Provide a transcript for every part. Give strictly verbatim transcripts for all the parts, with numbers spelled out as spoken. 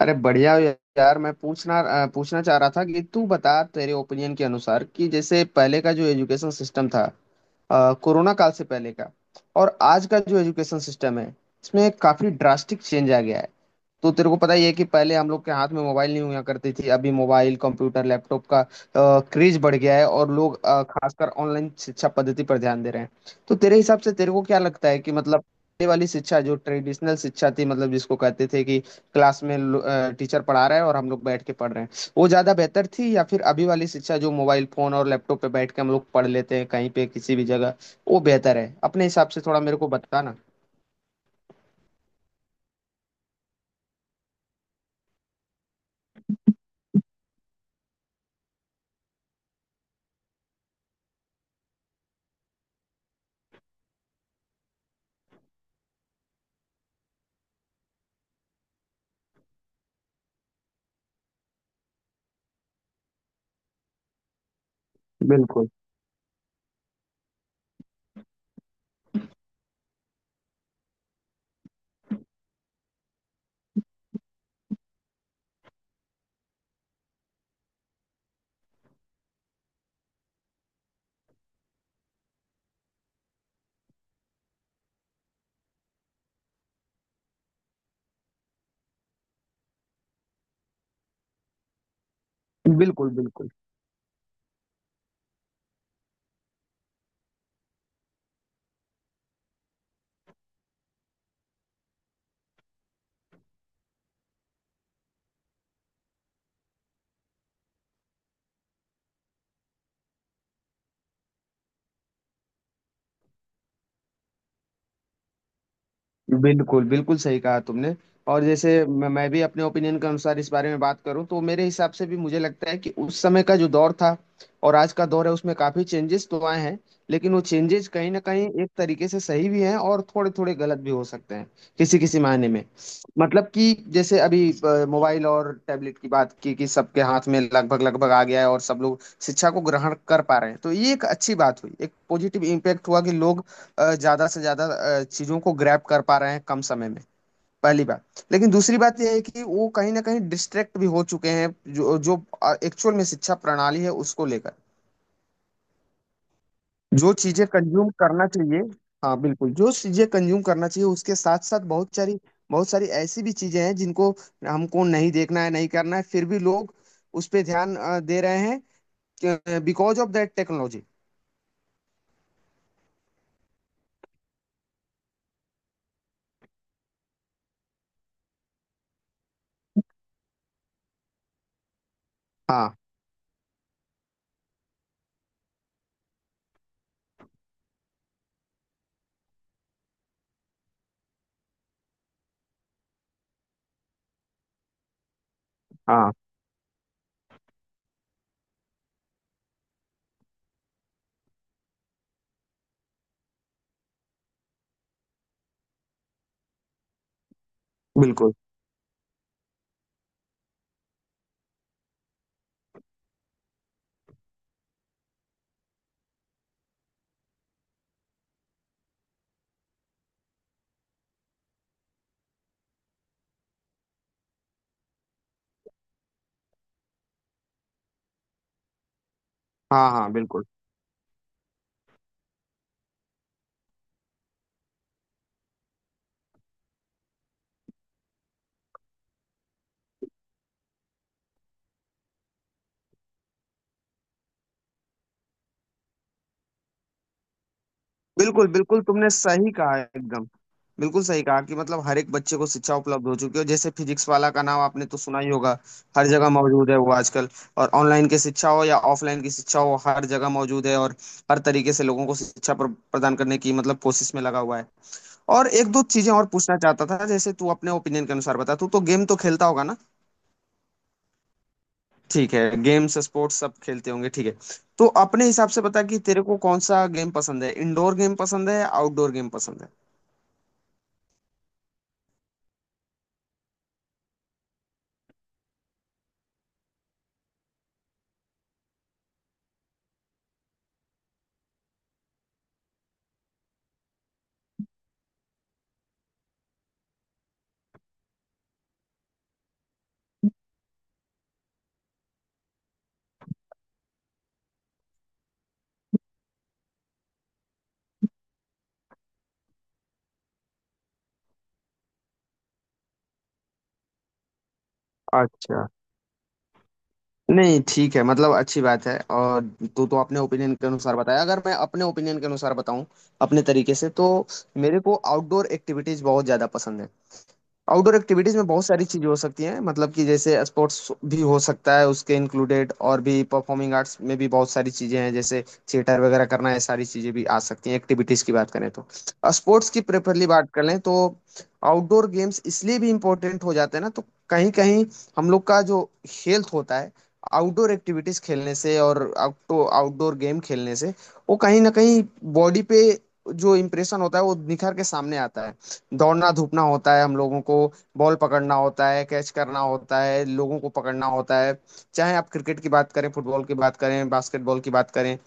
अरे बढ़िया हो यार। मैं पूछना अ, पूछना चाह रहा था कि तू बता, तेरे ओपिनियन के अनुसार कि जैसे पहले का जो एजुकेशन सिस्टम था, अ, कोरोना काल से पहले का, और आज का जो एजुकेशन सिस्टम है, इसमें काफी ड्रास्टिक चेंज आ गया है। तो तेरे को पता ही है कि पहले हम लोग के हाथ में मोबाइल नहीं हुआ करती थी। अभी मोबाइल कंप्यूटर लैपटॉप का क्रेज बढ़ गया है और लोग अ, खासकर ऑनलाइन शिक्षा पद्धति पर ध्यान दे रहे हैं। तो तेरे हिसाब से तेरे को क्या लगता है कि मतलब ये वाली शिक्षा जो ट्रेडिशनल शिक्षा थी, मतलब जिसको कहते थे कि क्लास में लो- अ, टीचर पढ़ा रहा है और हम लोग बैठ के पढ़ रहे हैं, वो ज्यादा बेहतर थी, या फिर अभी वाली शिक्षा जो मोबाइल फोन और लैपटॉप पे बैठ के हम लोग पढ़ लेते हैं कहीं पे किसी भी जगह, वो बेहतर है? अपने हिसाब से थोड़ा मेरे को बताना। बिल्कुल, बिल्कुल। बिल्कुल बिल्कुल। बिल्कुल सही कहा तुमने। और जैसे मैं मैं भी अपने ओपिनियन के अनुसार इस बारे में बात करूं तो मेरे हिसाब से भी मुझे लगता है कि उस समय का जो दौर था और आज का दौर है, उसमें काफी चेंजेस तो आए हैं, लेकिन वो चेंजेस कहीं ना कहीं एक तरीके से सही भी हैं और थोड़े थोड़े गलत भी हो सकते हैं किसी किसी मायने में। मतलब कि जैसे अभी अ, मोबाइल और टैबलेट की बात की, कि सबके हाथ में लगभग लगभग आ गया है और सब लोग शिक्षा को ग्रहण कर पा रहे हैं, तो ये एक अच्छी बात हुई, एक पॉजिटिव इम्पैक्ट हुआ कि लोग अ, ज्यादा से ज्यादा अ, चीजों को ग्रैब कर पा रहे हैं कम समय में। पहली बात। लेकिन दूसरी बात यह है कि वो कहीं ना कहीं डिस्ट्रैक्ट भी हो चुके हैं जो जो एक्चुअल में शिक्षा प्रणाली है उसको लेकर। जो चीजें कंज्यूम करना चाहिए, हाँ बिल्कुल, जो चीजें कंज्यूम करना चाहिए उसके साथ साथ बहुत सारी, बहुत सारी ऐसी भी चीजें हैं जिनको हमको नहीं देखना है, नहीं करना है, फिर भी लोग उस पे ध्यान अ, दे रहे हैं बिकॉज ऑफ दैट टेक्नोलॉजी। हाँ हाँ, बिल्कुल। हाँ हाँ, बिल्कुल बिल्कुल। बिल्कुल तुमने सही कहा एकदम। बिल्कुल सही कहा कि मतलब हर एक बच्चे को शिक्षा उपलब्ध हो चुकी है। जैसे फिजिक्स वाला का नाम आपने तो सुना ही होगा, हर जगह मौजूद है वो आजकल। और ऑनलाइन की शिक्षा हो या ऑफलाइन की शिक्षा हो, हर जगह मौजूद है, और हर तरीके से लोगों को शिक्षा प्र- प्रदान करने की मतलब कोशिश में लगा हुआ है। और एक दो चीजें और पूछना चाहता था। जैसे तू अपने ओपिनियन के अनुसार बता, तू तो गेम तो खेलता होगा ना? ठीक है, गेम्स स्पोर्ट्स सब खेलते होंगे ठीक है। तो अपने हिसाब से बता कि तेरे को कौन सा गेम पसंद है? इंडोर गेम पसंद है या आउटडोर गेम पसंद है? अच्छा। नहीं ठीक है, मतलब अच्छी बात है। और तो तो अपने ओपिनियन के अनुसार बताया, अगर मैं अपने ओपिनियन के अनुसार बताऊं अपने तरीके से, तो मेरे को आउटडोर एक्टिविटीज बहुत ज्यादा पसंद है। आउटडोर एक्टिविटीज में बहुत सारी चीजें हो सकती हैं, मतलब कि जैसे स्पोर्ट्स भी हो सकता है उसके इंक्लूडेड, और भी परफॉर्मिंग आर्ट्स में भी बहुत सारी चीजें हैं जैसे थिएटर वगैरह करना है, सारी चीजें भी आ सकती हैं एक्टिविटीज की बात करें तो। स्पोर्ट्स की प्रेफरली बात कर लें तो, आउटडोर गेम्स इसलिए भी इम्पोर्टेंट हो जाते हैं ना तो, कहीं कहीं हम लोग का जो हेल्थ होता है, आउटडोर एक्टिविटीज खेलने से और आउटो आउटडोर गेम खेलने से, वो कहीं ना कहीं बॉडी पे जो इम्प्रेशन होता है वो निखर के सामने आता है। दौड़ना धूपना होता है हम लोगों को, बॉल पकड़ना होता है, कैच करना होता है, लोगों को पकड़ना होता है, चाहे आप क्रिकेट की बात करें, फुटबॉल की बात करें, बास्केटबॉल की बात करें,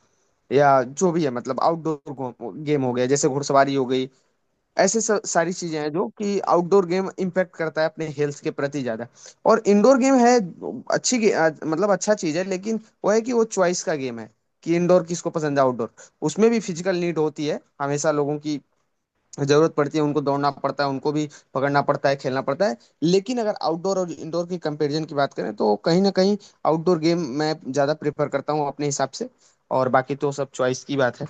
या जो भी है, मतलब आउटडोर गेम हो गया, जैसे घुड़सवारी हो गई, ऐसे सब सारी चीजें हैं जो कि आउटडोर गेम इम्पैक्ट करता है अपने हेल्थ के प्रति ज्यादा। और इंडोर गेम है अच्छी गे- आ, मतलब अच्छा चीज है, लेकिन वो है कि वो चॉइस का गेम है, कि इंडोर किसको पसंद है, आउटडोर। उसमें भी फिजिकल नीड होती है हमेशा लोगों की, जरूरत पड़ती है, उनको दौड़ना पड़ता है, उनको भी पकड़ना पड़ता है, खेलना पड़ता है। लेकिन अगर आउटडोर और इंडोर की कंपैरिजन की बात करें तो कहीं ना कहीं आउटडोर गेम मैं ज्यादा प्रेफर करता हूँ अपने हिसाब से। और बाकी तो सब चॉइस की बात है।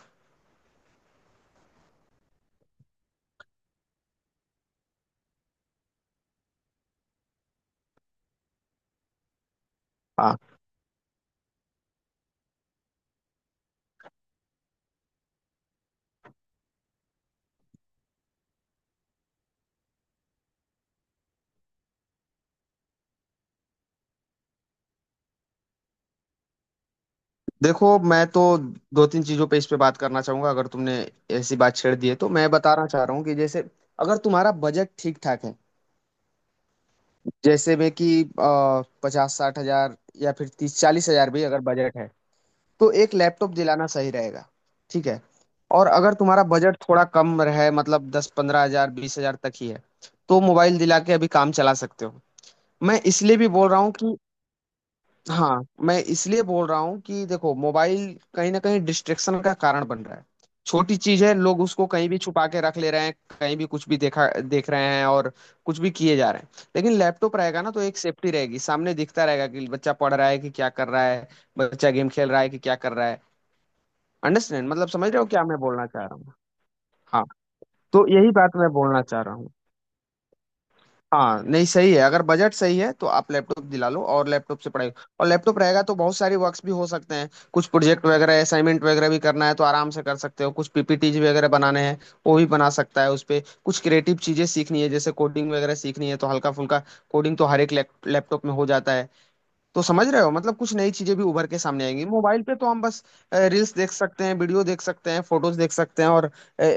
हाँ। देखो, मैं तो दो तीन चीजों पे इस पे बात करना चाहूंगा। अगर तुमने ऐसी बात छेड़ दी है तो मैं बताना चाह रहा हूँ कि जैसे, अगर तुम्हारा बजट ठीक ठाक है, जैसे में कि पचास साठ हजार, या फिर तीस चालीस हजार भी अगर बजट है, तो एक लैपटॉप दिलाना सही रहेगा, ठीक है। और अगर तुम्हारा बजट थोड़ा कम रहे, मतलब दस पंद्रह हजार बीस हजार तक ही है, तो मोबाइल दिला के अभी काम चला सकते हो। मैं इसलिए भी बोल रहा हूँ कि, हाँ मैं इसलिए बोल रहा हूँ कि देखो, मोबाइल कहीं ना कहीं डिस्ट्रेक्शन का कारण बन रहा है। छोटी चीज है, लोग उसको कहीं भी छुपा के रख ले रहे हैं, कहीं भी कुछ भी देखा देख रहे हैं और कुछ भी किए जा रहे हैं। लेकिन लैपटॉप रहेगा ना तो एक सेफ्टी रहेगी, सामने दिखता रहेगा कि बच्चा पढ़ रहा है कि क्या कर रहा है, बच्चा गेम खेल रहा है कि क्या कर रहा है। अंडरस्टैंड? मतलब समझ रहे हो क्या मैं बोलना चाह रहा हूँ? हाँ, तो यही बात मैं बोलना चाह रहा हूँ। हाँ नहीं, सही है, अगर बजट सही है तो आप लैपटॉप दिला लो, और लैपटॉप से पढ़ाई। और लैपटॉप रहेगा तो बहुत सारी वर्क्स भी हो सकते हैं, कुछ प्रोजेक्ट वगैरह असाइनमेंट वगैरह भी करना है तो आराम से कर सकते हो, कुछ पीपीटीज वगैरह बनाने हैं वो भी बना सकता है उस पे, कुछ क्रिएटिव चीजें सीखनी है जैसे कोडिंग वगैरह सीखनी है तो हल्का फुल्का कोडिंग तो हर एक लैप- लैपटॉप में हो जाता है। तो समझ रहे हो, मतलब कुछ नई चीजें भी उभर के सामने आएंगी। मोबाइल पे तो हम बस रील्स देख सकते हैं, वीडियो देख सकते हैं, फोटोज देख सकते हैं और अ,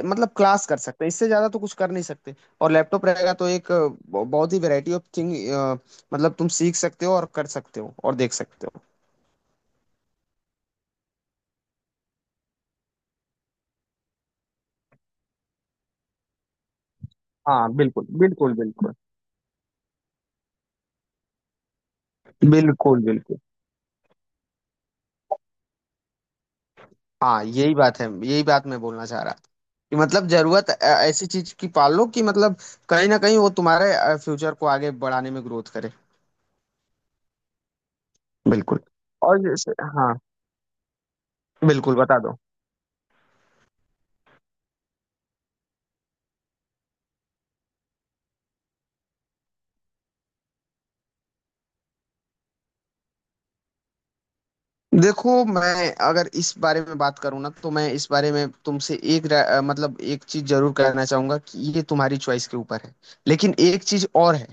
मतलब क्लास कर सकते हैं, इससे ज्यादा तो कुछ कर नहीं सकते। और लैपटॉप रहेगा तो एक अ, ब- बहुत ही वैरायटी ऑफ थिंग, मतलब तुम सीख सकते हो और कर सकते हो और देख सकते हो। हाँ बिल्कुल बिल्कुल बिल्कुल। बिल्कुल बिल्कुल। हाँ यही बात है, यही बात मैं बोलना चाह रहा था। कि मतलब जरूरत अ, ऐसी चीज की पाल लो कि मतलब कहीं ना कहीं वो तुम्हारे फ्यूचर को आगे बढ़ाने में ग्रोथ करे। बिल्कुल। और जैसे, हाँ, बिल्कुल बता दो। देखो मैं अगर इस बारे में बात करूँ ना, तो मैं इस बारे में तुमसे एक रा- अ, मतलब एक चीज जरूर कहना चाहूंगा कि ये तुम्हारी चॉइस के ऊपर है। लेकिन एक चीज और है,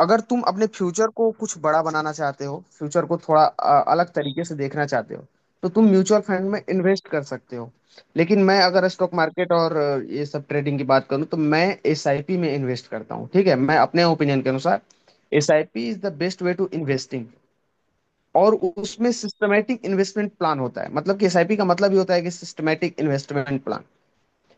अगर तुम अपने फ्यूचर को कुछ बड़ा बनाना चाहते हो, फ्यूचर को थोड़ा अ, अलग तरीके से देखना चाहते हो, तो तुम म्यूचुअल फंड में इन्वेस्ट कर सकते हो। लेकिन मैं अगर स्टॉक मार्केट और अ, ये सब ट्रेडिंग की बात करूँ तो मैं एसआईपी में इन्वेस्ट करता हूँ, ठीक है, मैं अपने ओपिनियन के अनुसार। SIP is the best way to investing. और उसमें सिस्टमेटिक इन्वेस्टमेंट प्लान होता है, मतलब कि एसआईपी का मतलब ये होता है कि systematic investment plan.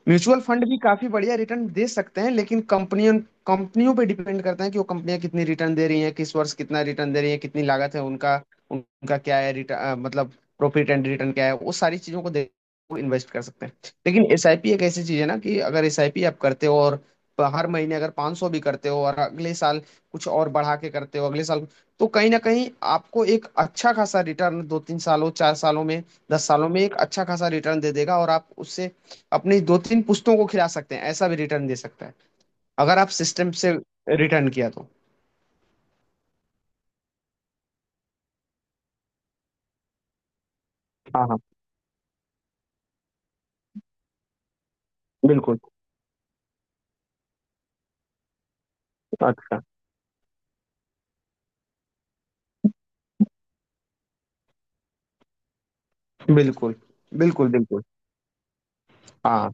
Mutual fund भी काफी बढ़िया रिटर्न दे सकते हैं, लेकिन कंपनियों कंपनियों पे डिपेंड करते हैं कि वो कंपनियां कितनी रिटर्न दे रही हैं, किस वर्ष कितना रिटर्न दे रही हैं, कितनी लागत है उनका, उन- उनका क्या है रिटर्न, मतलब प्रॉफिट एंड रिटर्न क्या है, वो सारी चीजों को देख इन्वेस्ट कर सकते हैं। लेकिन एसआईपी एक ऐसी चीज है ना कि अगर एसआईपी आप करते हो और प- हर महीने अगर पाँच सौ भी करते हो, और अगले साल कुछ और बढ़ा के करते हो अगले साल, तो कहीं ना कहीं आपको एक अच्छा खासा रिटर्न दो तीन सालों चार सालों में, दस सालों में एक अच्छा खासा रिटर्न दे देगा, और आप उससे अपनी दो तीन पुश्तों को खिला सकते हैं, ऐसा भी रिटर्न दे सकता है, अगर आप सिस्टम से रिटर्न किया तो। हाँ हाँ बिल्कुल। अच्छा। बिल्कुल। बिल्कुल बिल्कुल। हाँ।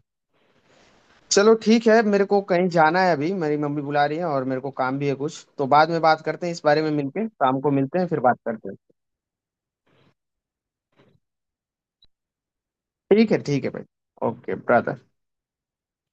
चलो ठीक है, मेरे को कहीं जाना है अभी, मेरी मम्मी बुला रही है और मेरे को काम भी है कुछ, तो बाद में बात करते हैं इस बारे में, मिलके शाम को मिलते हैं फिर बात करते हैं। ठीक है ठीक है भाई। Okay brother.